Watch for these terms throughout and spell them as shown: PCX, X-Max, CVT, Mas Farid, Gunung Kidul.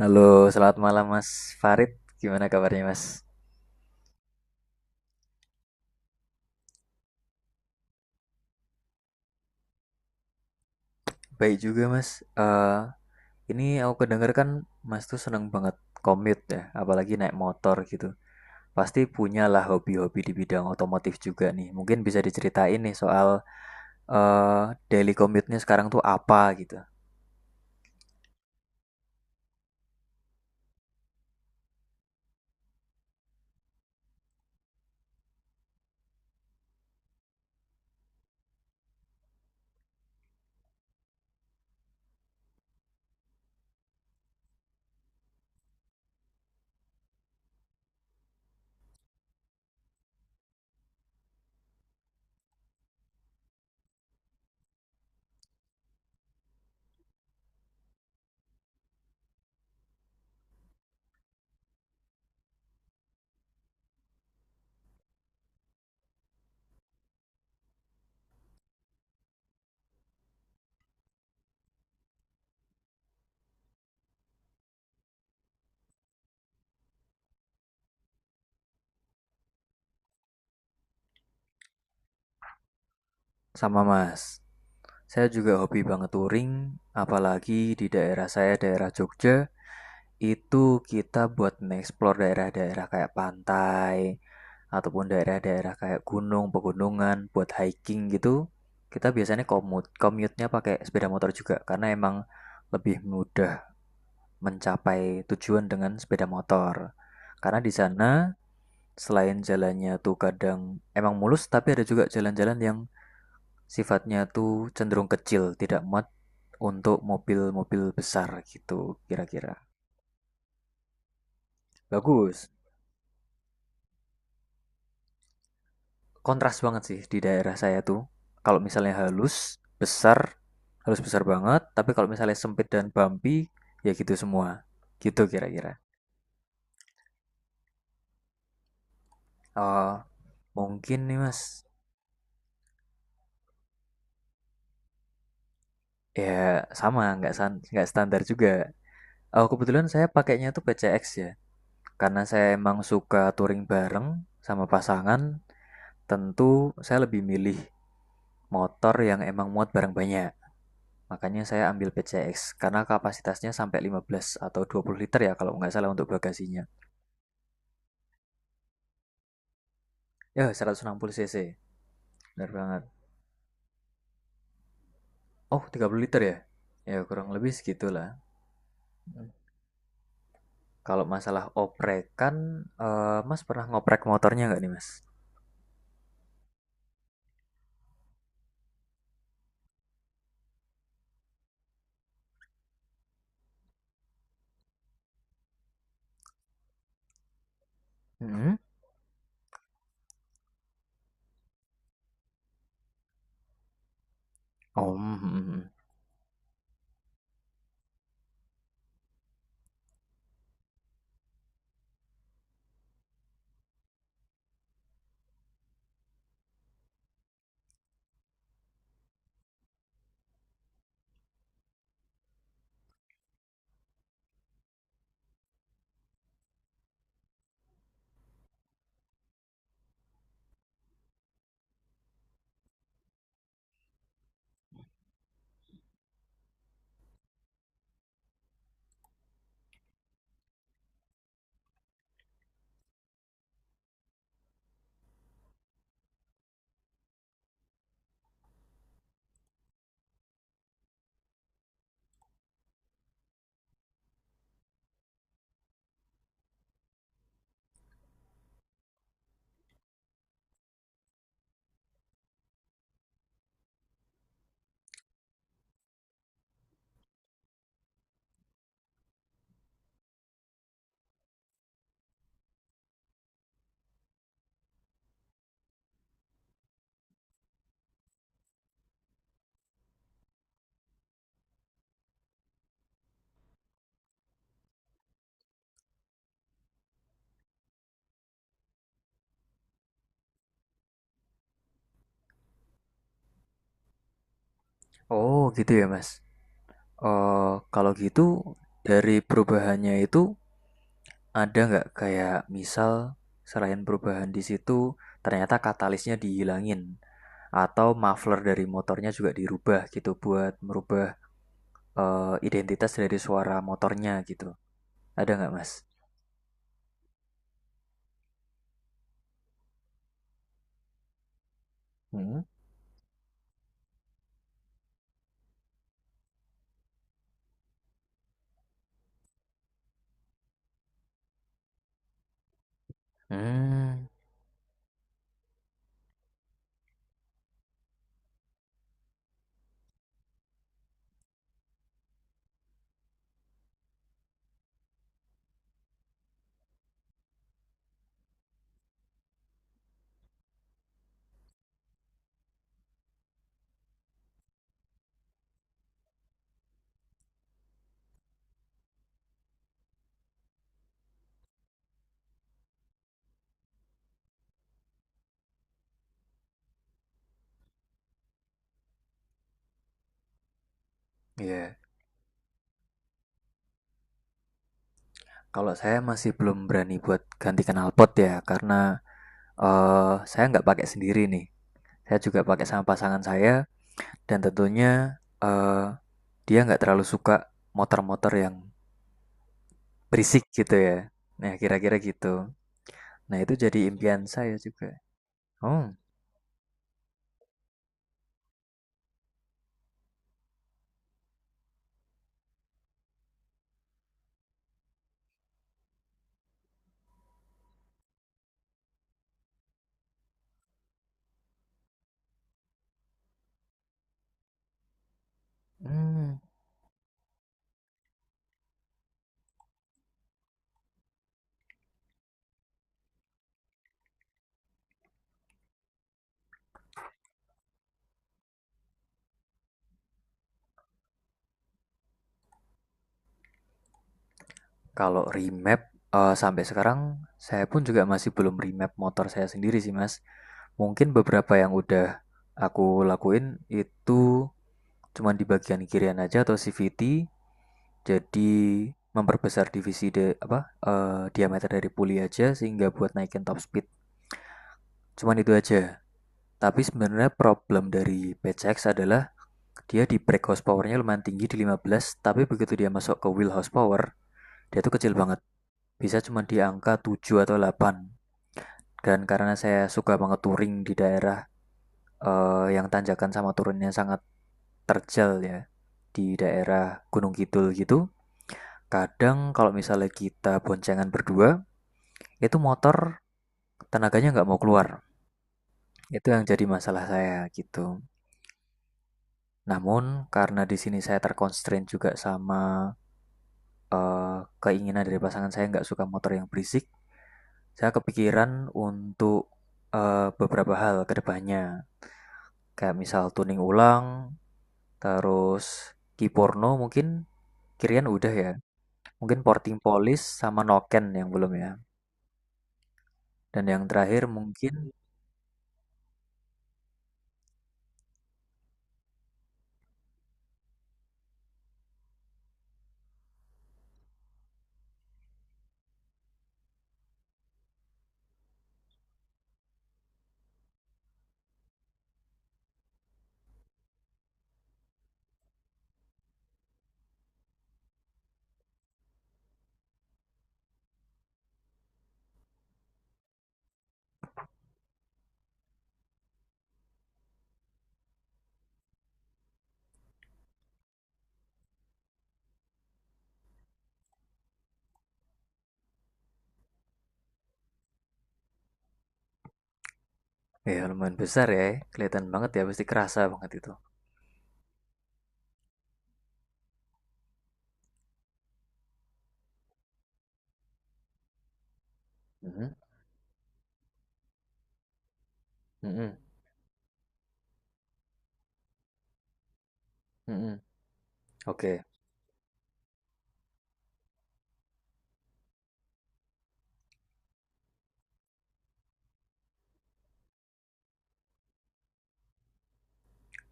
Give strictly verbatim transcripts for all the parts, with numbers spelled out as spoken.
Halo, selamat malam Mas Farid. Gimana kabarnya Mas? Baik juga Mas. Eh, ini aku kedenger kan Mas tuh seneng banget commute ya, apalagi naik motor gitu. Pasti punyalah hobi-hobi di bidang otomotif juga nih. Mungkin bisa diceritain nih soal eh daily commute-nya sekarang tuh apa gitu. Sama Mas. Saya juga hobi banget touring, apalagi di daerah saya, daerah Jogja. Itu kita buat nge-explore daerah-daerah kayak pantai ataupun daerah-daerah kayak gunung, pegunungan buat hiking gitu. Kita biasanya komut, commute-nya pakai sepeda motor juga karena emang lebih mudah mencapai tujuan dengan sepeda motor. Karena di sana selain jalannya tuh kadang emang mulus tapi ada juga jalan-jalan yang sifatnya tuh cenderung kecil, tidak muat untuk mobil-mobil besar gitu kira-kira. Bagus. Kontras banget sih di daerah saya tuh. Kalau misalnya halus, besar, halus besar banget, tapi kalau misalnya sempit dan bumpy, ya gitu semua. Gitu kira-kira. Oh, mungkin nih Mas. Ya sama, nggak san- nggak standar juga. Oh, kebetulan saya pakainya tuh P C X ya. Karena saya emang suka touring bareng sama pasangan, tentu saya lebih milih motor yang emang muat barang banyak. Makanya saya ambil P C X karena kapasitasnya sampai lima belas atau dua puluh liter ya kalau nggak salah untuk bagasinya. Ya seratus enam puluh cc, benar banget. Oh, tiga puluh liter ya? Ya kurang lebih segitulah. Kalau masalah oprekan, eh, Mas pernah ngoprek motornya nggak nih Mas? Hmm? Oh, mm, mm, mm. Oh, gitu ya Mas. Eh, kalau gitu dari perubahannya itu ada nggak kayak misal selain perubahan di situ ternyata katalisnya dihilangin atau muffler dari motornya juga dirubah gitu buat merubah eh, identitas dari suara motornya gitu. Ada nggak mas? Hmm. Hmm, ya. Yeah. Kalau saya masih belum berani buat ganti knalpot ya, karena eh saya nggak pakai sendiri nih. Saya juga pakai sama pasangan saya, dan tentunya eh dia nggak terlalu suka motor-motor yang berisik gitu ya. Nah, kira-kira gitu. Nah, itu jadi impian saya juga. Oh, hmm. Kalau remap, eee, sampai sekarang saya pun juga masih belum remap motor saya sendiri sih, Mas. Mungkin beberapa yang udah aku lakuin itu cuma di bagian kirian aja atau C V T, jadi memperbesar divisi de apa, eee, diameter dari puli aja sehingga buat naikin top speed, cuman itu aja. Tapi sebenarnya problem dari P C X adalah dia di brake horsepowernya lumayan tinggi di lima belas, tapi begitu dia masuk ke wheel horsepower, dia tuh kecil banget, bisa cuma di angka tujuh atau delapan. Dan karena saya suka banget touring di daerah eh, yang tanjakan sama turunnya sangat terjal ya, di daerah Gunung Kidul gitu, kadang kalau misalnya kita boncengan berdua, itu motor tenaganya nggak mau keluar. Itu yang jadi masalah saya gitu. Namun karena di sini saya terkonstrain juga sama eh, keinginan dari pasangan saya nggak suka motor yang berisik, saya kepikiran untuk eh, beberapa hal kedepannya. Kayak misal tuning ulang, terus Ki Porno mungkin. Kirian udah ya. Mungkin Porting Polis sama Noken yang belum ya. Dan yang terakhir mungkin ya lumayan besar ya. Kelihatan banget ya pasti kerasa banget itu. Mhm, mhm, mhm. Oke.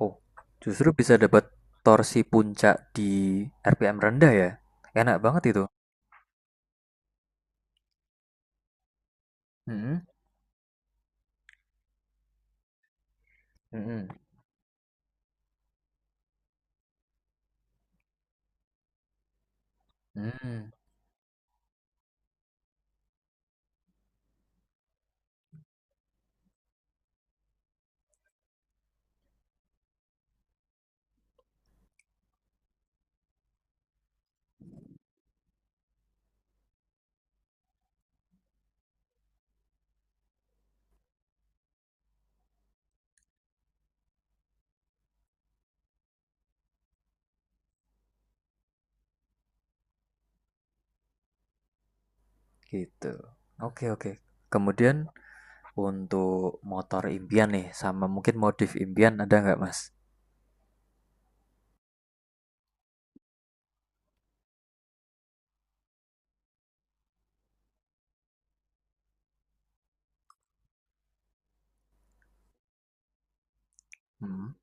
Oh, justru bisa dapat torsi puncak di R P M rendah ya. Enak banget itu. Mhm, mhm, mhm, gitu. Oke, oke. Kemudian untuk motor impian nih, sama mungkin modif impian ada nggak mas? Hmm.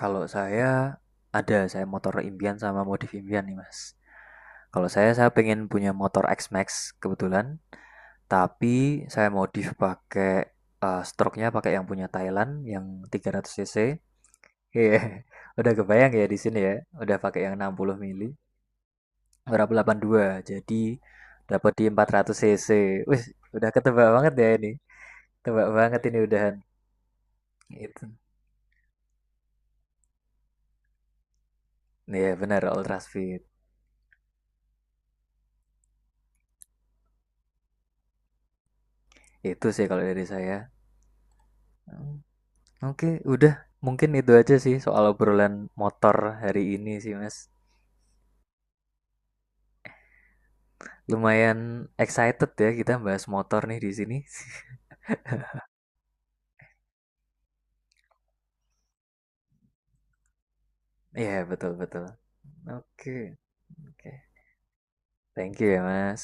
Kalau saya ada, saya motor impian sama modif impian nih mas. Kalau saya, saya pengen punya motor X-Max kebetulan, tapi saya modif pakai eh, stroke-nya pakai yang punya Thailand yang tiga ratus cc. Iya, udah kebayang ya di sini ya, udah pakai yang enam puluh mili, berapa delapan puluh dua, jadi dapat di empat ratus cc. Wih, udah ketebak banget ya ini, tebak banget ini udahan. Itu. Iya benar Ultras Fit. Itu sih kalau dari saya. Hmm. Oke, udah mungkin itu aja sih soal obrolan motor hari ini sih Mas. Lumayan excited ya kita bahas motor nih di sini. Iya betul betul. Oke oke. Thank you ya Mas.